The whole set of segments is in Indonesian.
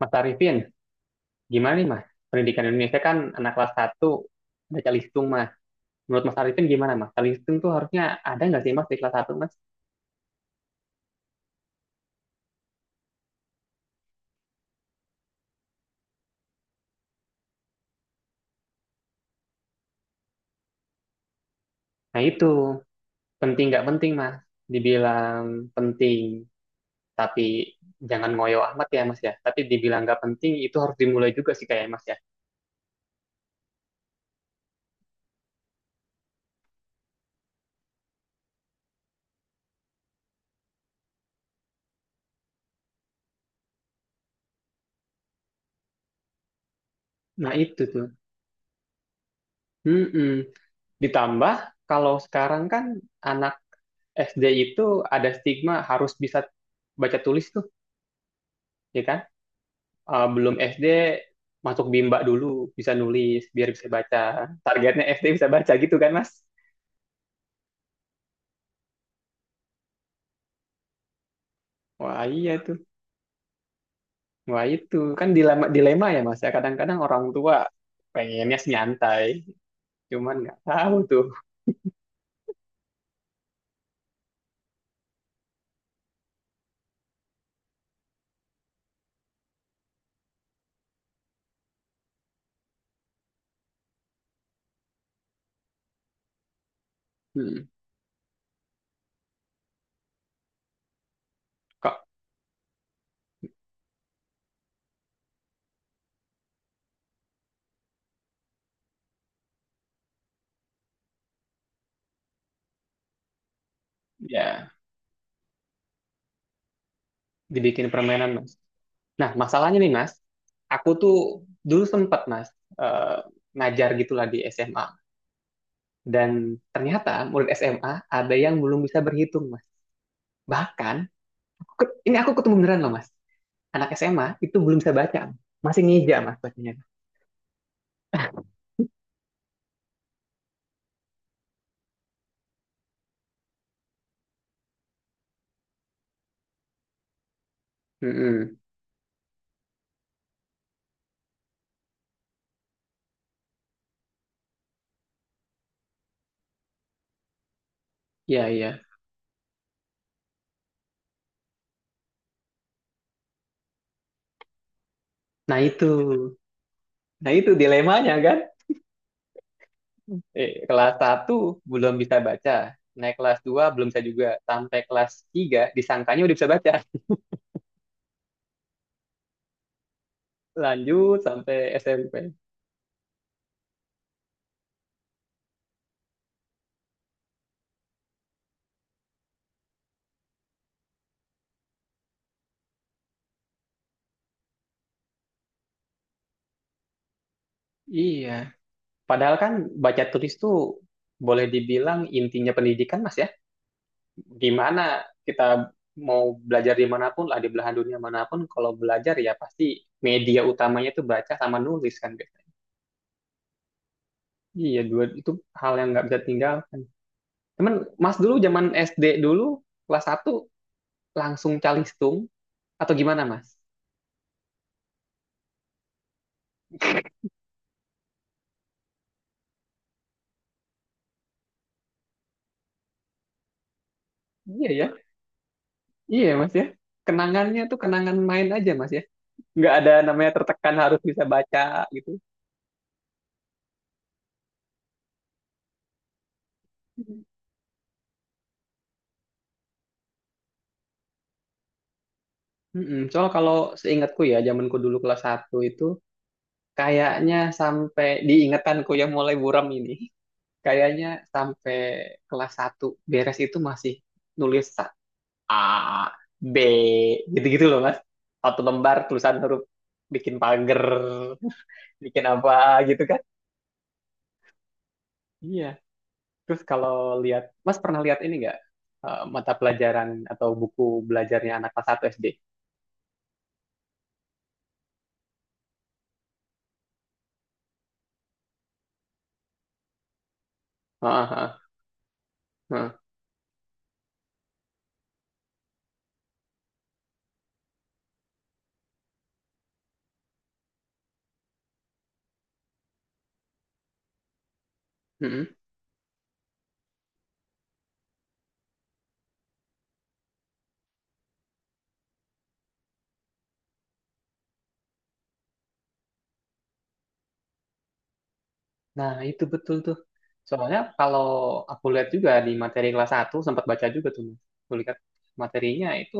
Mas Arifin, gimana nih Mas? Pendidikan Indonesia kan anak kelas satu baca listung Mas. Menurut Mas Arifin gimana Mas? Baca Listung tuh harusnya ada nggak sih Mas di kelas satu Mas? Nah itu, penting nggak penting Mas? Dibilang penting, tapi jangan ngoyo amat ya Mas ya. Tapi dibilang nggak penting itu harus dimulai juga sih kayak Mas ya. Nah itu tuh. Mm-mm. Ditambah kalau sekarang kan anak SD itu ada stigma harus bisa baca tulis tuh, ya kan? Belum SD masuk bimbak dulu bisa nulis biar bisa baca. Targetnya SD bisa baca gitu kan Mas? Wah iya tuh, wah itu kan dilema dilema ya Mas ya. Kadang-kadang orang tua pengennya sih nyantai, cuman nggak tahu tuh. Hmm. Kok ya dibikin permainan Mas. Nah masalahnya nih Mas, aku tuh dulu sempet Mas eh, ngajar gitulah di SMA. Dan ternyata murid SMA ada yang belum bisa berhitung Mas. Bahkan ini aku ketemu beneran loh Mas. Anak SMA itu belum bisa baca, masih ngeja mas bacanya. Mm-mm. Iya, iya. Nah itu, nah itu dilemanya kan. Kelas satu belum bisa baca, naik kelas 2 belum bisa juga, sampai kelas 3 disangkanya udah bisa baca. Lanjut sampai SMP. Iya. Padahal kan baca tulis tuh boleh dibilang intinya pendidikan mas ya. Gimana kita mau belajar dimanapun lah di belahan dunia manapun, kalau belajar ya pasti media utamanya tuh baca sama nulis kan. Gitu. Iya, dua itu hal yang nggak bisa tinggalkan. Temen, Mas dulu zaman SD dulu kelas satu langsung calistung atau gimana, Mas? Iya ya, iya Mas ya. Kenangannya tuh kenangan main aja, Mas ya. Nggak ada namanya tertekan harus bisa baca gitu. Mm-mm. Soal kalau seingatku ya, zamanku dulu kelas satu itu kayaknya sampai diingetanku yang mulai buram ini, kayaknya sampai kelas satu beres itu masih nulis A B gitu-gitu loh mas, satu lembar tulisan huruf, bikin pagar, bikin apa gitu kan. Iya. Terus kalau lihat mas pernah lihat ini nggak, mata pelajaran atau buku belajarnya anak kelas 1 SD? Heeh, heeh, heeh. Mm-mm. Nah, itu betul tuh. Soalnya kalau aku lihat juga di materi kelas satu sempat baca juga tuh, Mas. Aku lihat materinya itu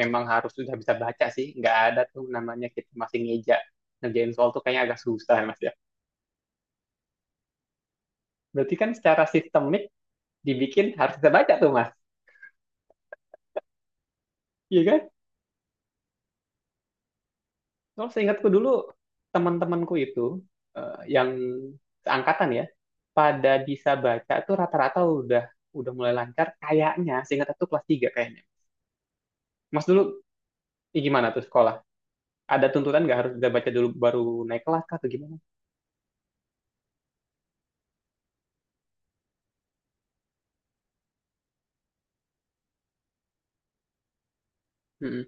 memang harus sudah bisa baca sih. Nggak ada tuh namanya kita masih ngeja. Ngerjain soal tuh kayaknya agak susah, Mas. Berarti kan secara sistemik dibikin harus bisa baca tuh Mas. Iya kan? Kalau seingatku dulu teman-temanku itu yang seangkatan ya pada bisa baca tuh rata-rata udah mulai lancar kayaknya, seingat aku kelas 3 kayaknya. Mas dulu gimana tuh sekolah? Ada tuntutan nggak harus bisa baca dulu baru naik kelas kah atau gimana? Mm-mm,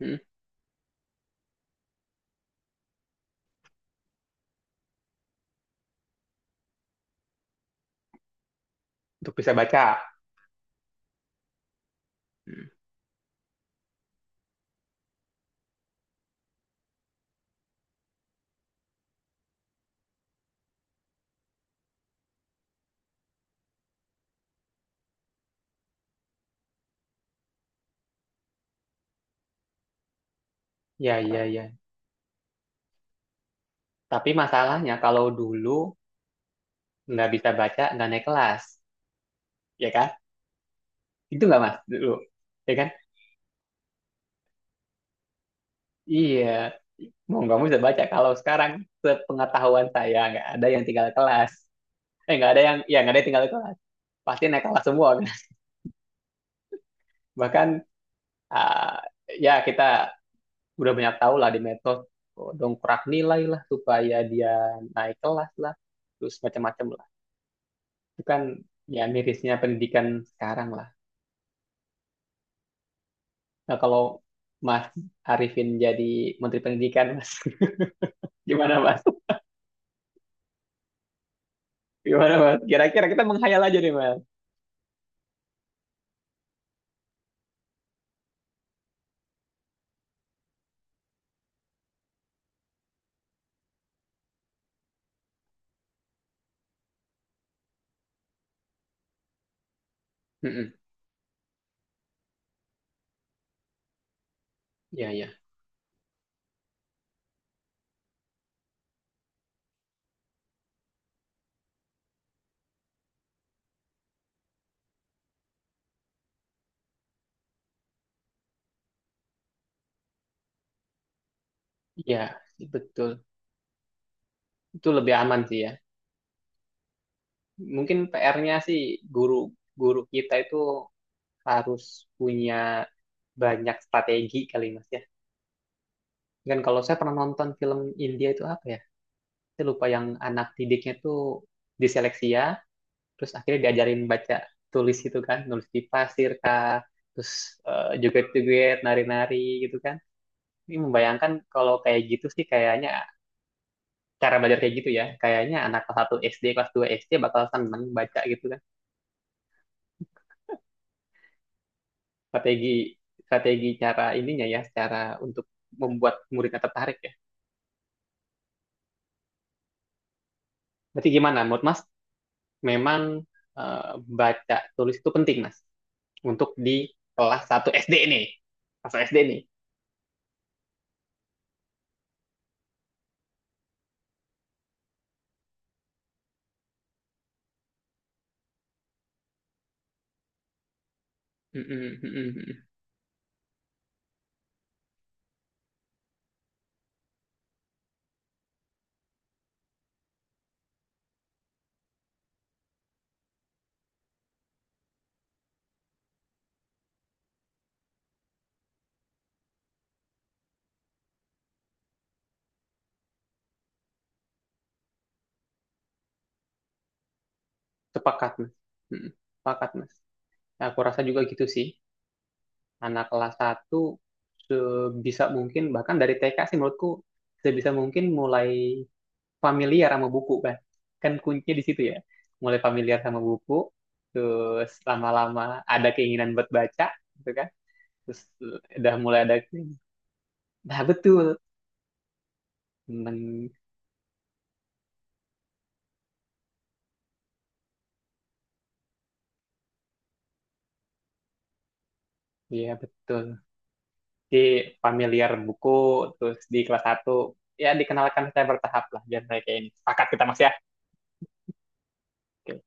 mm-mm. Untuk bisa baca. Mm. Ya ya ya. Tapi masalahnya kalau dulu nggak bisa baca nggak naik kelas, ya kan? Itu nggak Mas dulu, ya kan? Iya, mau nggak mau bisa baca. Kalau sekarang sepengetahuan saya nggak ada yang tinggal kelas. Eh nggak ada yang, Ya nggak ada yang tinggal kelas. Pasti naik kelas semua. Bahkan ah, ya kita udah banyak tahu lah di medsos, dongkrak nilai lah supaya dia naik kelas lah, terus macam-macam lah. Itu kan ya mirisnya pendidikan sekarang lah. Nah kalau Mas Arifin jadi Menteri Pendidikan, Mas, gimana Mas? Gimana Mas? Kira-kira kita menghayal aja nih Mas. Mm-mm. Iya, iya. Iya, sih, betul. Itu lebih aman sih ya. Mungkin PR-nya sih guru guru kita itu harus punya banyak strategi kali Mas ya. Kan kalau saya pernah nonton film India itu apa ya? Saya lupa yang anak didiknya tuh diseleksi ya, terus akhirnya diajarin baca tulis itu kan, nulis di pasir kah, terus joget-joget, nari-nari gitu kan. Ini membayangkan kalau kayak gitu sih, kayaknya cara belajar kayak gitu ya. Kayaknya anak kelas 1 SD, kelas 2 SD bakal seneng baca gitu kan. Strategi strategi cara ininya ya, cara untuk membuat muridnya tertarik ya. Berarti gimana menurut Mas? Memang eh, baca tulis itu penting Mas untuk di kelas 1 SD nih. Masuk SD nih. Mm-mm, mm-mm, mm-mm. Sepakat Mas. Mm-mm. Sepakat Mas. Aku rasa juga gitu sih. Anak kelas satu sebisa mungkin bahkan dari TK sih menurutku sebisa mungkin mulai familiar sama buku, kan kan kuncinya di situ ya, mulai familiar sama buku, terus lama-lama ada keinginan buat baca gitu kan. Terus udah mulai ada, nah betul, temen, iya betul di familiar buku, terus di kelas satu, ya dikenalkan secara bertahap lah biar saya kayak ini sepakat kita mas ya. Oke,